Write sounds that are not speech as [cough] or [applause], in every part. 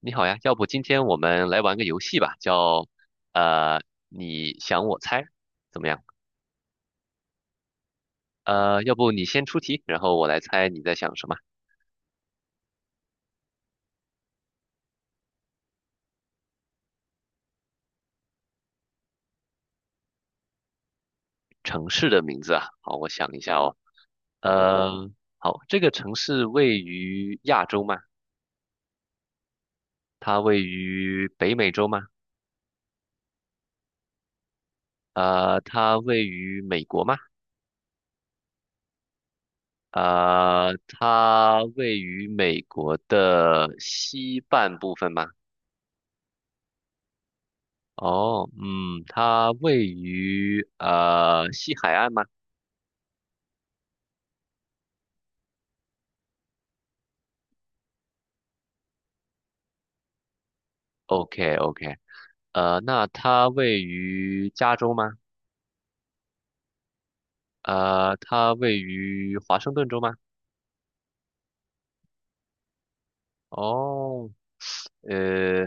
你好呀，要不今天我们来玩个游戏吧，叫呃你想我猜，怎么样？要不你先出题，然后我来猜你在想什么城市的名字啊？好，我想一下哦。呃，好，这个城市位于亚洲吗？它位于北美洲吗？它位于美国吗？它位于美国的西半部分吗？哦，嗯，它位于西海岸吗？OK OK,那它位于加州吗？它位于华盛顿州吗？哦，呃，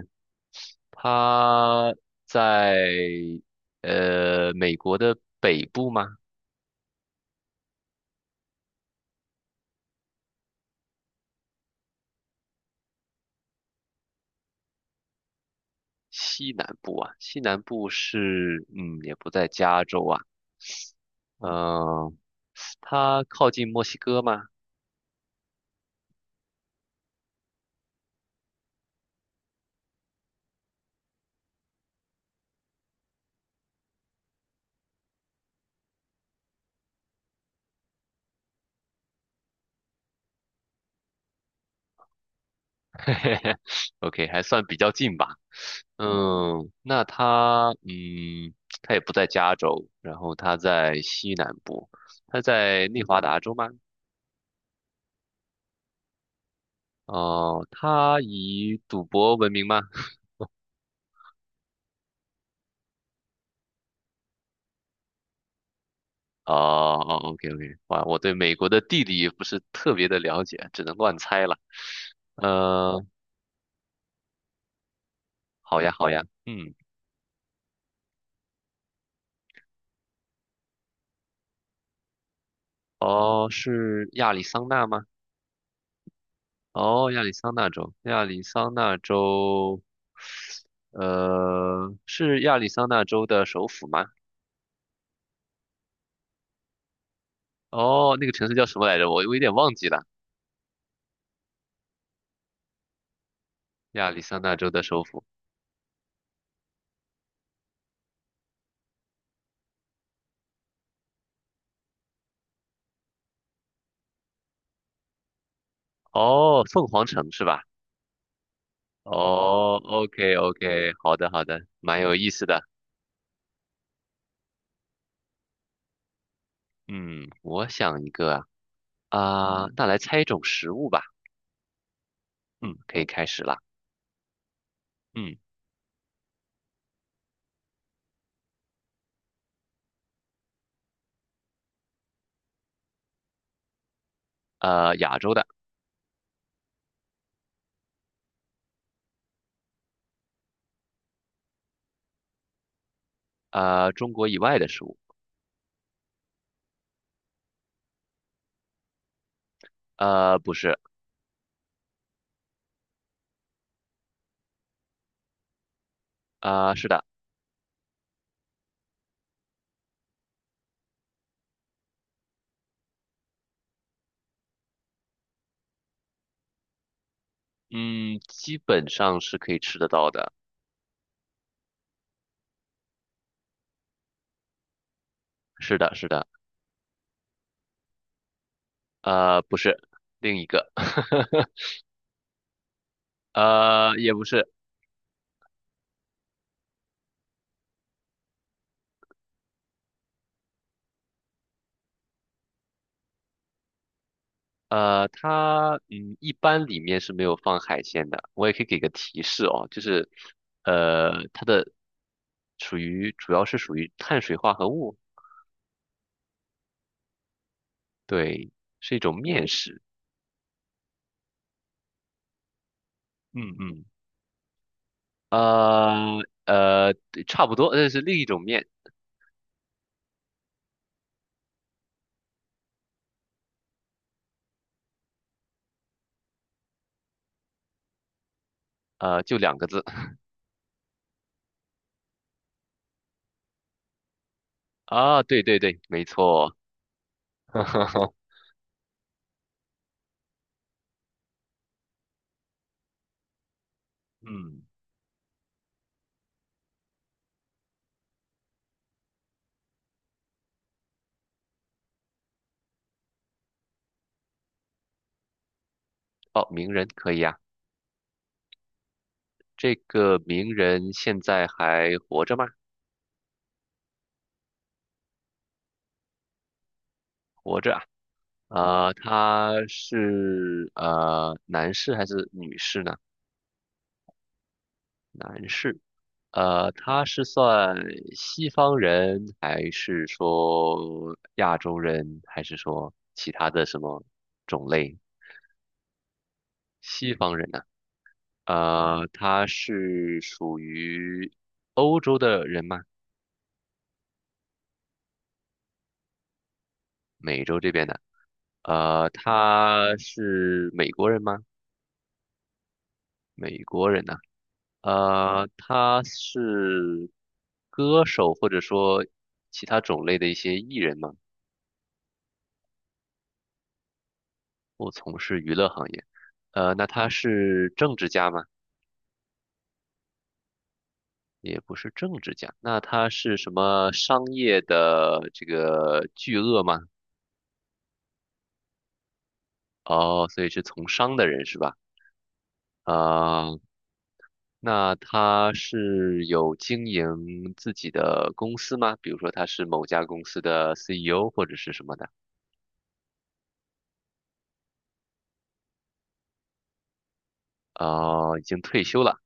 它在美国的北部吗？西南部啊，西南部是嗯也不在加州啊，嗯、它靠近墨西哥吗 [laughs]？OK，嘿嘿嘿，OK，还算比较近吧。嗯，那他，嗯，他也不在加州，然后他在西南部，他在内华达州吗？哦、他以赌博闻名吗？哦哦，OK OK，哇，我对美国的地理不是特别的了解，只能乱猜了。呃，好呀好呀，嗯，哦，是亚利桑那吗？哦，亚利桑那州，亚利桑那州，是亚利桑那州的首府吗？哦，那个城市叫什么来着？我有点忘记了。亚利桑那州的首府。哦，凤凰城是吧？哦，OK OK，好的好的，蛮有意思的。嗯，我想一个啊，啊，那来猜一种食物吧。嗯，可以开始了。嗯，亚洲的，中国以外的食物，不是，是的，嗯，基本上是可以吃得到的。是的，是的，不是，另一个，[laughs] 也不是。它嗯，一般里面是没有放海鲜的。我也可以给个提示哦，就是它的属于主要是属于碳水化合物，对，是一种面食。嗯嗯，呃对差不多，那是另一种面，呃，就两个字 [laughs] 啊，对对对，没错。[laughs] 嗯，哦，名人可以啊，这个名人现在还活着吗？活着啊。他是男士还是女士呢？男士。他是算西方人，还是说亚洲人，还是说其他的什么种类？西方人呢、他是属于欧洲的人吗？美洲这边的。他是美国人吗？美国人呢、他是歌手或者说其他种类的一些艺人吗？不从事娱乐行业。那他是政治家吗？也不是政治家，那他是什么商业的这个巨鳄吗？哦，所以是从商的人是吧？啊，那他是有经营自己的公司吗？比如说他是某家公司的 CEO 或者是什么的？哦，已经退休了。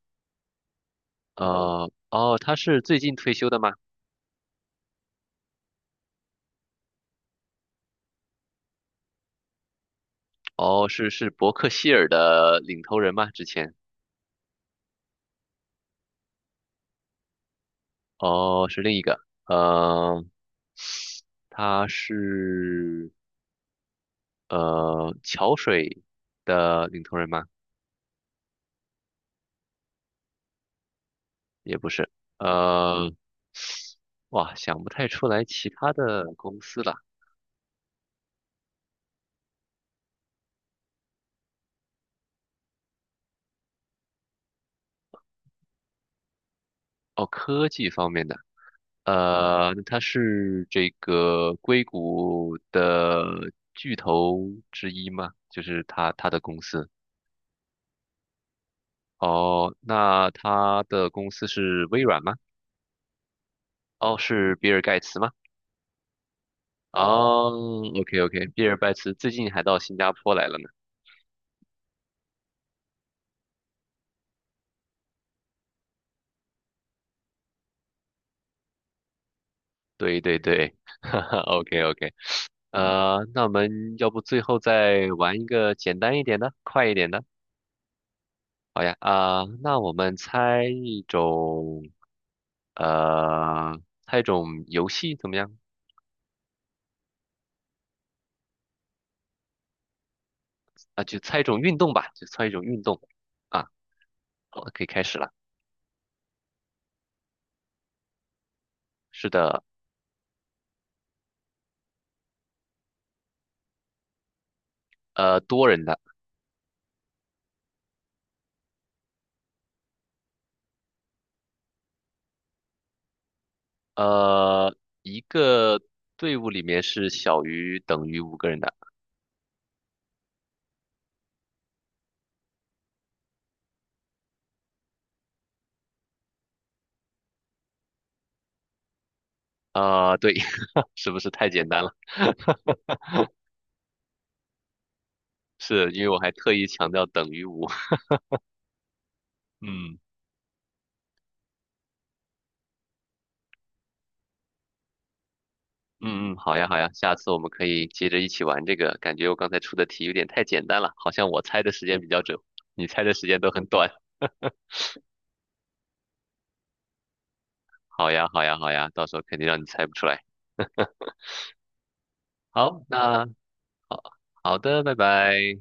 哦，他是最近退休的吗？哦，是伯克希尔的领头人吗？之前，哦，是另一个，呃，他是桥水的领头人吗？也不是，呃，哇，想不太出来其他的公司了。哦，科技方面的，他是这个硅谷的巨头之一吗？就是他的公司。哦，那他的公司是微软吗？哦，是比尔盖茨吗？哦，OK OK，比尔盖茨最近还到新加坡来了呢。对对对，[laughs] 哈哈，OK OK，那我们要不最后再玩一个简单一点的，快一点的？好呀，啊、那我们猜一种，猜一种游戏怎么样？啊，就猜一种运动吧，就猜一种运动。啊，好，可以开始了。是的，多人的。呃，一个队伍里面是小于等于五个人的。啊、对，[laughs] 是不是太简单了？[laughs] 是因为我还特意强调等于五。[laughs] 嗯嗯嗯，好呀好呀，下次我们可以接着一起玩这个。感觉我刚才出的题有点太简单了，好像我猜的时间比较准，你猜的时间都很短。[laughs] 好呀好呀好呀，到时候肯定让你猜不出来。好，那好好的，拜拜。